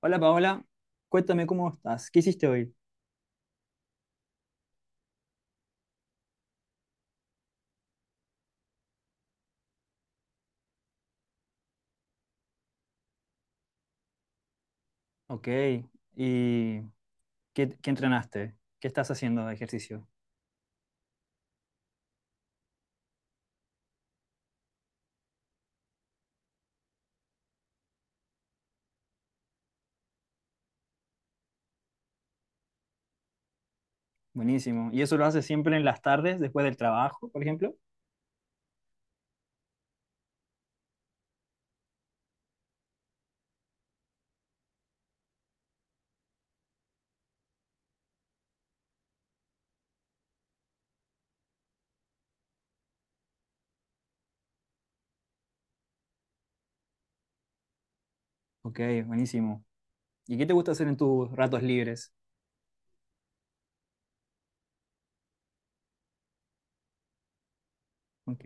Hola Paola, cuéntame cómo estás. ¿Qué hiciste hoy? Ok, ¿y qué entrenaste? ¿Qué estás haciendo de ejercicio? Buenísimo. ¿Y eso lo haces siempre en las tardes, después del trabajo, por ejemplo? Ok, buenísimo. ¿Y qué te gusta hacer en tus ratos libres? Ok,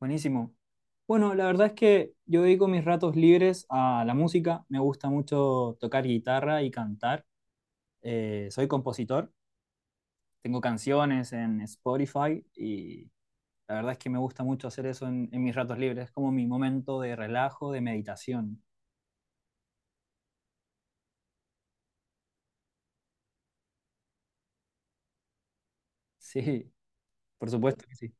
buenísimo. Bueno, la verdad es que yo dedico mis ratos libres a la música. Me gusta mucho tocar guitarra y cantar. Soy compositor. Tengo canciones en Spotify y la verdad es que me gusta mucho hacer eso en mis ratos libres. Es como mi momento de relajo, de meditación. Sí, por supuesto que sí.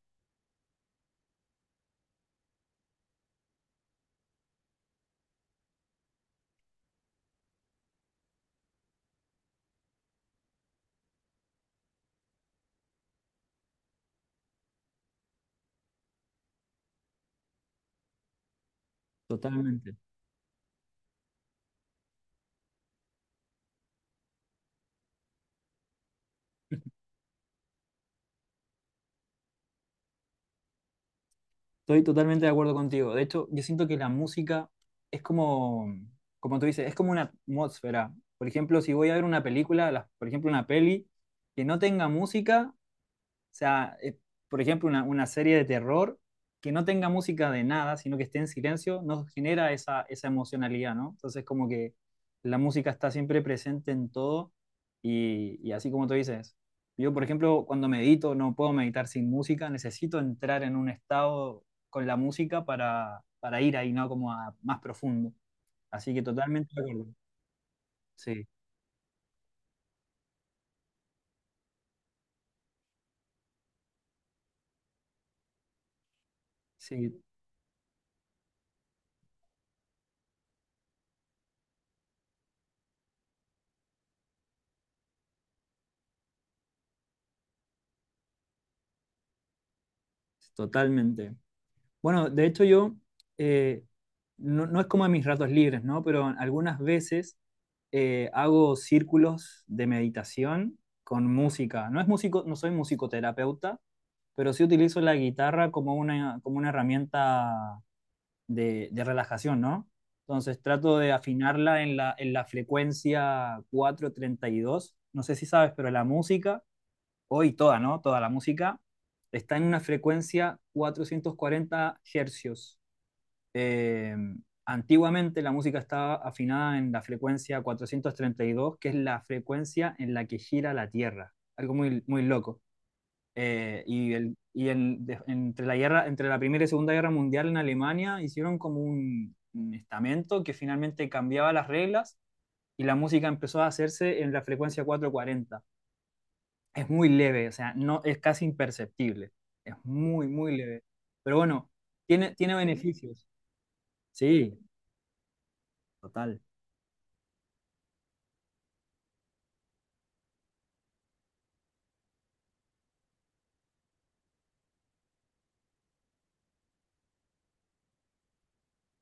Totalmente. Estoy totalmente de acuerdo contigo. De hecho, yo siento que la música es como, como tú dices, es como una atmósfera. Por ejemplo, si voy a ver una película, por ejemplo, una peli que no tenga música. O sea, por ejemplo, una serie de terror que no tenga música de nada, sino que esté en silencio, nos genera esa, esa emocionalidad, ¿no? Entonces, como que la música está siempre presente en todo y así como tú dices, yo, por ejemplo, cuando medito, no puedo meditar sin música, necesito entrar en un estado con la música para ir ahí, ¿no? Como a más profundo. Así que totalmente de acuerdo. Sí, sí, totalmente. Bueno, de hecho yo, eh, no, no es como en mis ratos libres, ¿no? Pero algunas veces hago círculos de meditación con música. No es músico, no soy musicoterapeuta, pero sí utilizo la guitarra como una herramienta de relajación, ¿no? Entonces trato de afinarla en la frecuencia 432. No sé si sabes, pero la música hoy toda, ¿no? Toda la música está en una frecuencia 440 hercios. Eh, Antiguamente la música estaba afinada en la frecuencia 432, que es la frecuencia en la que gira la Tierra. Algo muy, muy loco. Entre, la guerra, entre la Primera y Segunda Guerra Mundial en Alemania hicieron como un estamento que finalmente cambiaba las reglas y la música empezó a hacerse en la frecuencia 440. Es muy leve, o sea, no, es casi imperceptible, es muy, muy leve. Pero bueno, tiene beneficios. Sí, total,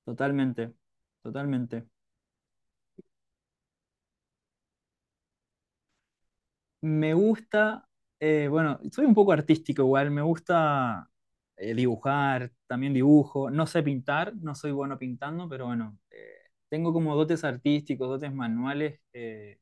totalmente, totalmente. Me gusta, bueno, soy un poco artístico igual, me gusta dibujar, también dibujo, no sé pintar, no soy bueno pintando, pero bueno, tengo como dotes artísticos, dotes manuales. eh,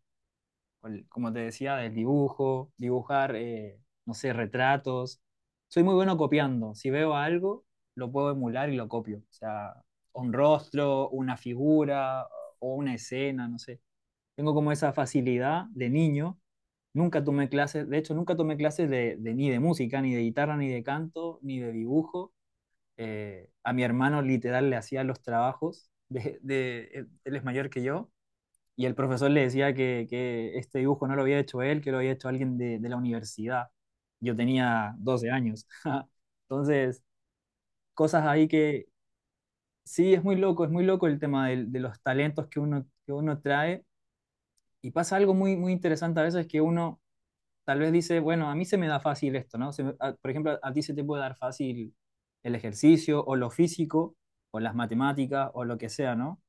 con- Como te decía, del dibujo, dibujar, no sé, retratos. Soy muy bueno copiando. Si veo algo, lo puedo emular y lo copio. O sea, un rostro, una figura o una escena, no sé. Tengo como esa facilidad de niño. Nunca tomé clases, de hecho, nunca tomé clases ni de música, ni de guitarra, ni de canto, ni de dibujo. A mi hermano literal le hacía los trabajos. Él es mayor que yo y el profesor le decía que este dibujo no lo había hecho él, que lo había hecho alguien de la universidad. Yo tenía 12 años. Entonces, cosas ahí que sí, es muy loco el tema de los talentos que uno trae. Y pasa algo muy, muy interesante a veces que uno tal vez dice, bueno, a mí se me da fácil esto, ¿no? Por ejemplo, a ti se te puede dar fácil el ejercicio o lo físico o las matemáticas o lo que sea, ¿no?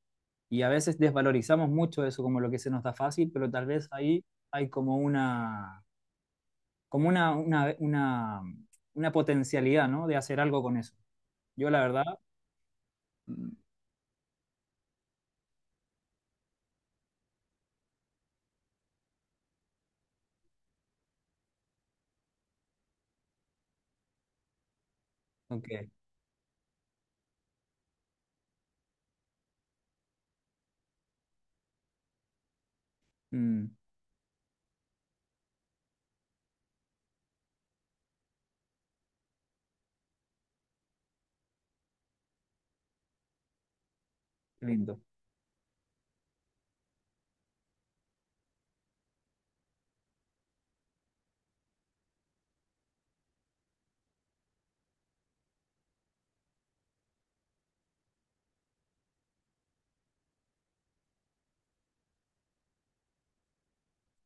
Y a veces desvalorizamos mucho eso como lo que se nos da fácil, pero tal vez ahí hay como una, como una, una, una, una potencialidad, ¿no? De hacer algo con eso. Yo la verdad, Mm, ok, mm, qué lindo,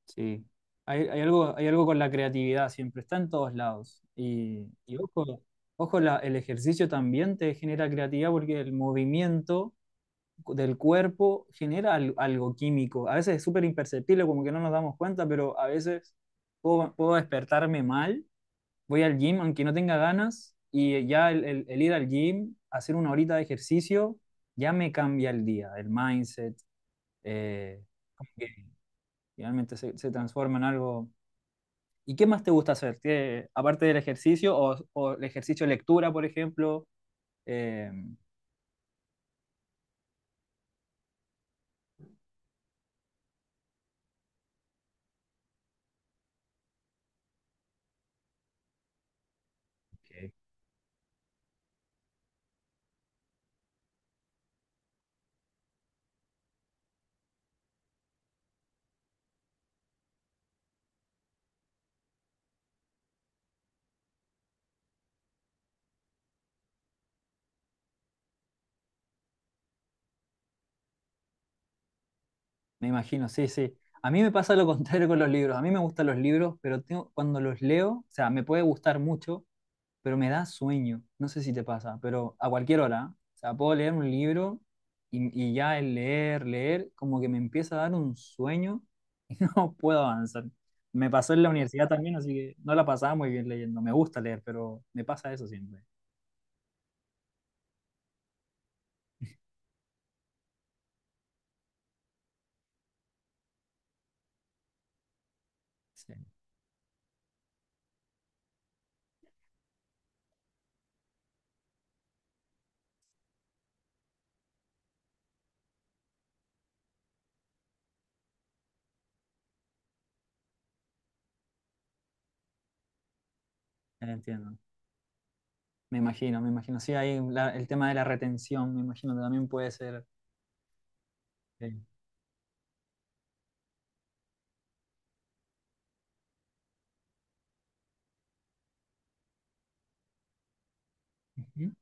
sí. Hay, hay algo con la creatividad, siempre está en todos lados. Y ojo, el ejercicio también te genera creatividad porque el movimiento del cuerpo genera algo químico. A veces es súper imperceptible, como que no nos damos cuenta, pero a veces puedo despertarme mal, voy al gym aunque no tenga ganas y ya el ir al gym, hacer una horita de ejercicio, ya me cambia el día, el mindset, eh, que realmente se transforma en algo. ¿Y qué más te gusta hacer? ¿Aparte del ejercicio o el ejercicio de lectura, por ejemplo? eh, Me imagino, sí, sí. A mí me pasa lo contrario con los libros. A mí me gustan los libros, pero tengo, cuando los leo, o sea, me puede gustar mucho, pero me da sueño. No sé si te pasa, pero a cualquier hora. ¿Eh? O sea, puedo leer un libro y ya el leer, como que me empieza a dar un sueño y no puedo avanzar. Me pasó en la universidad también, así que no la pasaba muy bien leyendo. Me gusta leer, pero me pasa eso siempre. Sí, entiendo. Me imagino, me imagino. Sí, ahí el tema de la retención, me imagino, que también puede ser. Sí. Ujú.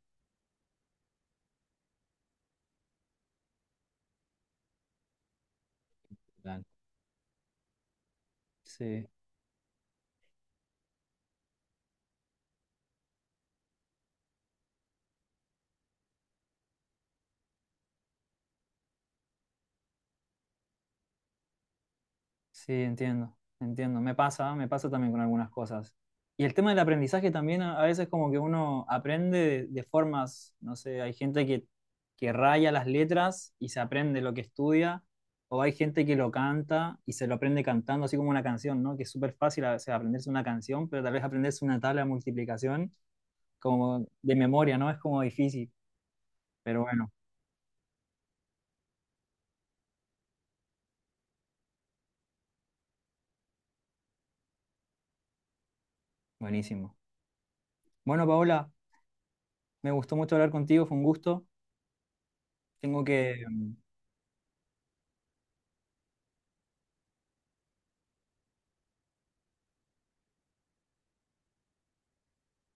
Total. Sí, sí, entiendo, entiendo. Me pasa también con algunas cosas. Y el tema del aprendizaje también a veces como que uno aprende de formas, no sé, hay gente que raya las letras y se aprende lo que estudia, o hay gente que lo canta y se lo aprende cantando, así como una canción, ¿no? Que es súper fácil a veces aprenderse una canción, pero tal vez aprenderse una tabla de multiplicación como de memoria, ¿no? Es como difícil, pero bueno, buenísimo. Bueno, Paola, me gustó mucho hablar contigo, fue un gusto. Tengo que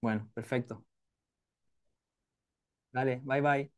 bueno, perfecto. Dale, bye bye.